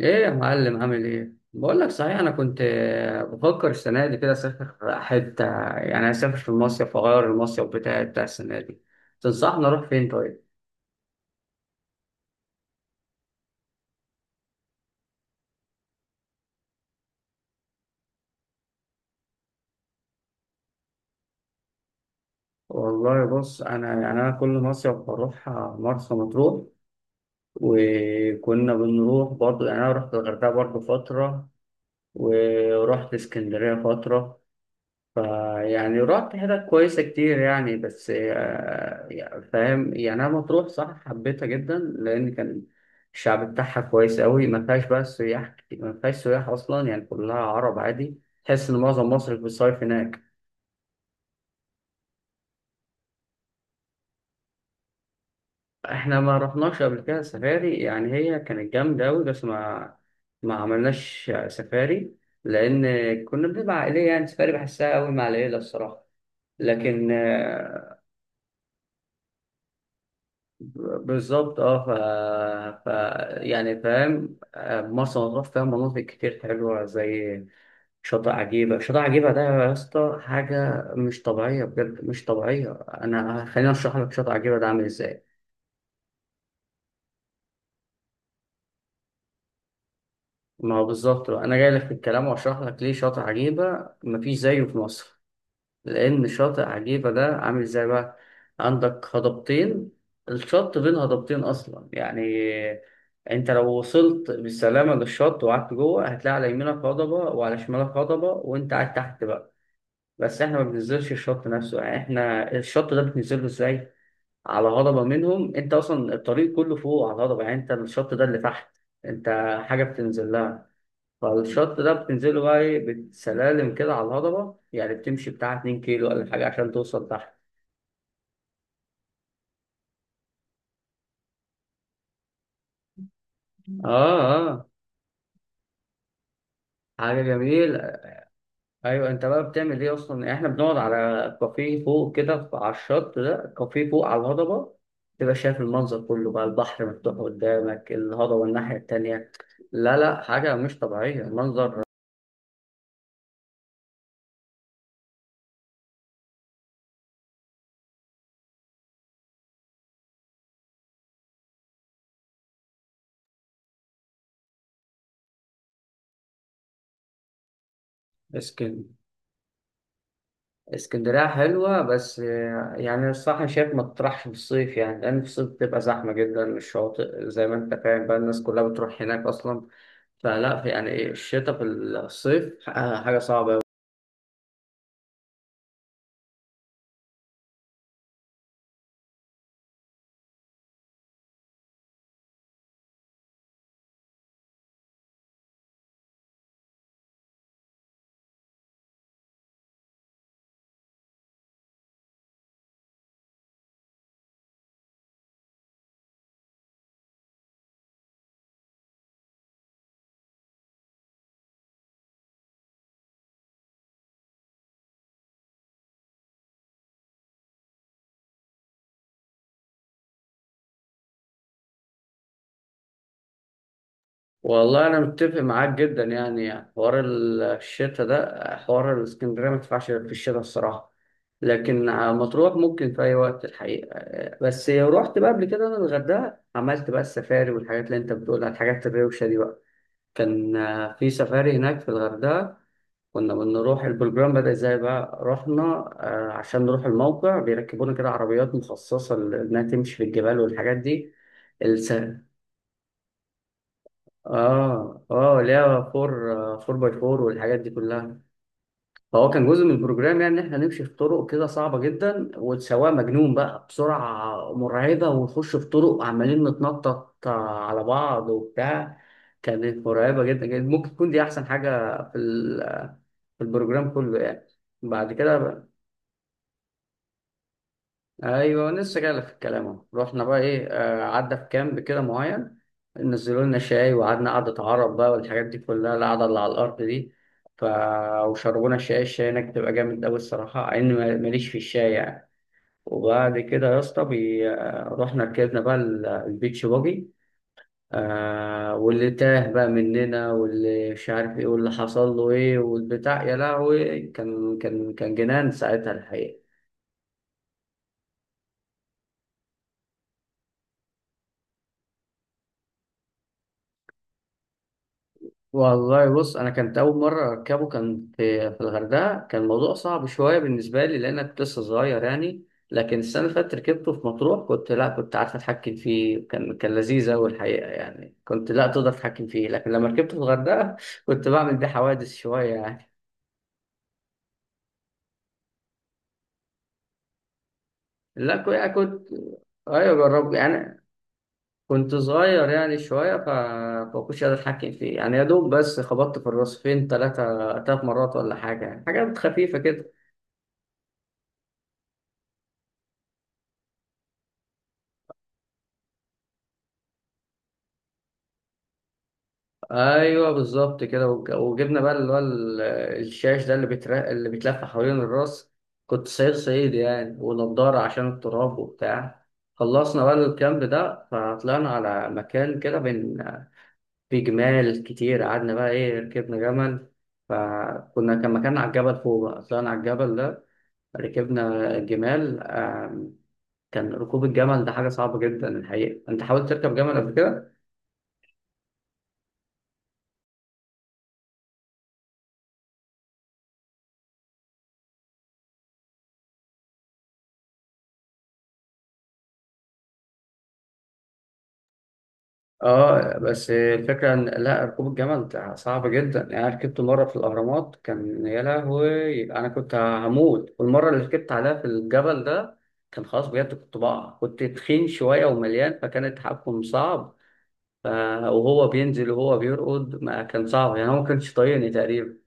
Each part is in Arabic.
ايه يا معلم؟ عامل ايه؟ بقول لك صحيح، انا كنت بفكر السنه دي كده اسافر حته، يعني اسافر في المصيف واغير المصيف بتاعي بتاع السنه دي. تنصحني اروح فين طيب؟ والله بص، انا كل مصيف بروح مرسى مطروح، وكنا بنروح برضو. يعني انا رحت الغردقه برضو فتره، ورحت اسكندريه فتره. فيعني رحت حتت كويسة كتير يعني، بس يعني فاهم، يعني أنا مطروح صح حبيتها جدا، لأن كان الشعب بتاعها كويس أوي، ما فيهاش بقى سياح كتير، ما فيهاش سياح أصلا، يعني كلها عرب عادي. تحس إن معظم مصر بتصيف هناك. إحنا ما رحناش قبل كده سفاري، يعني هي كانت جامدة أوي، بس ما عملناش سفاري، لأن كنا بنبقى عائلية، يعني سفاري بحسها أوي مع العيلة الصراحة. لكن بالظبط اه. ف... يعني فاهم، مرسى مطروح فيها مناطق كتير حلوة، زي شاطئ عجيبة. شاطئ عجيبة ده يا اسطى حاجة مش طبيعية، بجد مش طبيعية. أنا خليني أشرح لك شاطئ عجيبة ده عامل إزاي. ما هو بالظبط بقى، أنا جاي لك في الكلام وأشرح لك ليه شاطئ عجيبة مفيش زيه في مصر. لأن شاطئ عجيبة ده عامل ازاي بقى؟ عندك هضبتين، الشط بين هضبتين أصلا، يعني أنت لو وصلت بالسلامة للشط وقعدت جوه، هتلاقي على يمينك هضبة وعلى شمالك هضبة، وأنت قاعد تحت بقى. بس إحنا ما بننزلش الشط نفسه، يعني إحنا الشط ده بتنزله ازاي؟ على هضبة منهم. أنت أصلا الطريق كله فوق على الهضبة، يعني أنت الشط ده اللي تحت، أنت حاجة بتنزل لها. فالشط ده بتنزله بقى ايه، بسلالم كده على الهضبة، يعني بتمشي بتاع 2 كيلو ولا حاجة عشان توصل تحت. اه اه. حاجة جميلة. ايوه، انت بقى بتعمل ايه اصلا؟ يعني احنا بنقعد على كافيه فوق كده، على الشط ده كافيه فوق على الهضبة، تبقى شايف المنظر كله بقى، البحر مفتوح قدامك، الهضبة الناحية التانية. لا لا، حاجة مش طبيعية منظر. اسكن اسكندرية حلوة، بس يعني الصراحة أنا شايف ما تطرحش في الصيف، يعني لأن في الصيف بتبقى زحمة جدا، الشواطئ زي ما أنت فاهم بقى، الناس كلها بتروح هناك أصلا. فلا، في يعني إيه، الشتاء في الصيف حاجة صعبة أوي. والله أنا متفق معاك جدا، يعني، حوار الشتاء ده، حوار الاسكندرية ما ينفعش في الشتاء الصراحة. لكن مطروح ممكن في أي وقت الحقيقة. بس رحت بقى قبل كده أنا الغردقة، عملت بقى السفاري والحاجات اللي أنت بتقولها، الحاجات الروشة دي بقى. كان في سفاري هناك في الغردقة. كنا بنروح، البروجرام بدأ ازاي بقى، رحنا عشان نروح الموقع، بيركبونا كده عربيات مخصصة إنها تمشي في الجبال والحاجات دي. الس... اه اه، اللي هي فور فور باي فور والحاجات دي كلها. فهو كان جزء من البروجرام، يعني إن احنا نمشي في طرق كده صعبة جدا، والسواق مجنون بقى بسرعة مرعبة، ونخش في طرق عمالين نتنطط على بعض وبتاع. كانت مرعبة جدا جدا، ممكن تكون دي أحسن حاجة في البروجرام كله يعني. بعد كده بقى، ايوه لسه جاي في الكلام اهو، رحنا بقى ايه، آه، عدى في كامب كده معين، نزلوا لنا شاي وقعدنا قعدة عرب بقى والحاجات دي كلها، القعدة اللي على الأرض دي. ف... وشربونا شاي، الشاي هناك بتبقى جامد أوي الصراحة، مع إني ماليش في الشاي يعني. وبعد كده يا اسطى بي... آه، رحنا ركبنا بقى البيتش باجي. آه، واللي تاه بقى مننا واللي مش عارف ايه واللي حصل له ايه والبتاع، يا لهوي، كان جنان ساعتها الحقيقة. والله بص، انا كانت اول مره اركبه كان في الغردقه، كان الموضوع صعب شويه بالنسبه لي، لان أنا كنت لسه صغير يعني. لكن السنه اللي فاتت ركبته في مطروح، كنت لا، كنت عارف اتحكم فيه، كان لذيذ قوي الحقيقه، يعني كنت لا تقدر تتحكم فيه. لكن لما ركبته في الغردقه كنت بعمل بيه حوادث شويه يعني. لا كو- يعني كنت ايوه جربت يعني. كنت صغير يعني شويه فما كنتش قادر اتحكم فيه يعني، يا دوب بس خبطت في الراس فين ثلاث مرات ولا حاجه يعني، حاجات خفيفه كده. ايوه بالظبط كده، وجبنا بقى اللي هو الشاش ده اللي اللي بيتلف حوالين الراس، كنت صعيد يعني، ونضاره عشان التراب وبتاع. خلصنا بقى الكامب ده، فطلعنا على مكان كده بين، في جمال كتير، قعدنا بقى ايه، ركبنا جمل. فكنا، كان مكان على الجبل فوق بقى، طلعنا على الجبل ده، ركبنا جمال. كان ركوب الجمل ده حاجة صعبة جدا الحقيقة. انت حاولت تركب جمل قبل كده؟ اه، بس الفكرة ان لا، ركوب الجمل ده صعب جدا يعني. انا ركبته مرة في الاهرامات، كان يا لهوي، انا كنت هموت. والمرة اللي ركبت عليها في الجبل ده كان خلاص بجد، كنت بقع، كنت تخين شوية ومليان، فكان التحكم صعب. ف... وهو بينزل وهو بيرقد، ما كان صعب، يعني هو ما كانش طايقني تقريبا.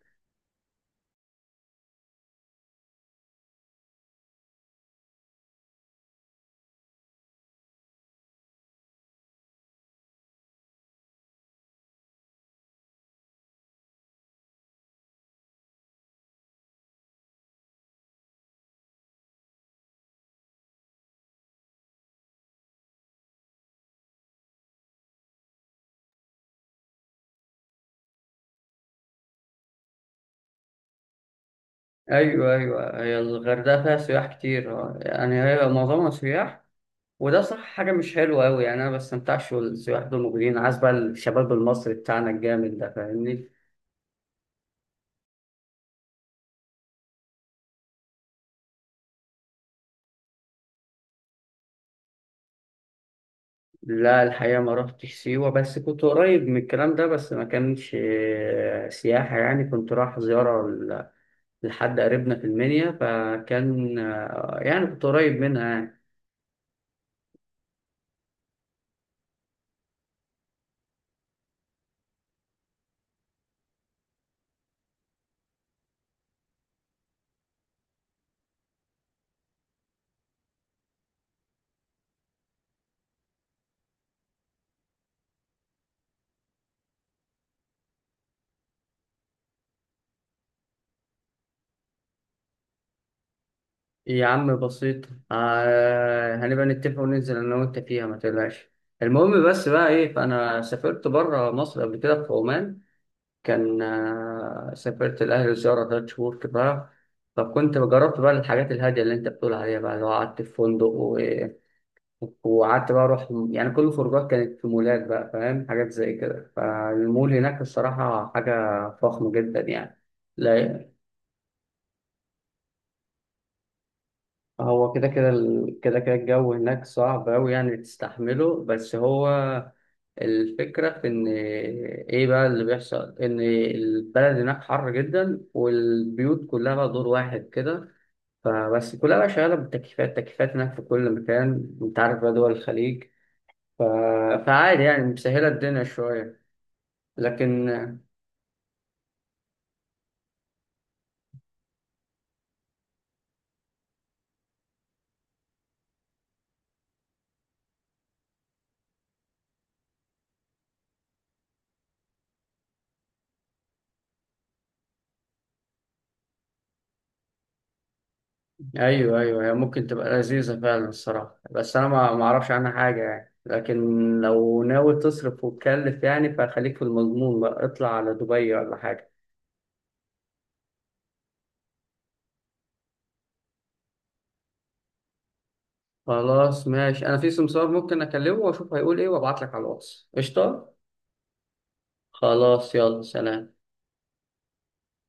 ايوه ايوه، هي الغردقة فيها سياح كتير، يعني هي معظمها سياح، وده صح حاجة مش حلوة أوي يعني، أنا ما بستمتعش والسياح دول موجودين، عايز بقى الشباب المصري بتاعنا الجامد ده فاهمني. لا الحقيقة ما رحتش سيوة، بس كنت قريب من الكلام ده، بس ما كانش سياحة يعني، كنت رايح زيارة لحد قريبنا في المنيا، فكان يعني كنت قريب منها يعني. يا عم بسيط، هنبقى نتفق وننزل أنا وأنت فيها ما تقلقش. المهم بس بقى إيه، فأنا سافرت بره مصر قبل كده في عمان. كان سافرت الأهل زيارة تلات شهور كده، فكنت جربت بقى الحاجات الهادية اللي أنت بتقول عليها بقى، اللي هو قعدت في فندق وقعدت بقى أروح، يعني كل الخروجات كانت في مولات بقى، فاهم حاجات زي كده، فالمول هناك الصراحة حاجة فخمة جدا يعني. لا، هو كده كده الجو هناك صعب أوي يعني تستحمله، بس هو الفكرة في إن إيه بقى اللي بيحصل، إن البلد هناك حر جدا، والبيوت كلها بقى دور واحد كده، فبس كلها بقى شغالة بالتكييفات، تكييفات هناك في كل مكان، أنت عارف بقى دول الخليج. ف... فعادي يعني، مسهلة الدنيا شوية. لكن ايوه ايوه، هي ممكن تبقى لذيذه فعلا الصراحه، بس انا ما اعرفش عنها حاجه يعني، لكن لو ناوي تصرف وتكلف يعني، فخليك في المضمون بقى، اطلع على دبي ولا حاجه. خلاص ماشي، انا في سمسار ممكن اكلمه واشوف هيقول ايه، وابعت لك على الواتس قشطه. خلاص، يلا سلام.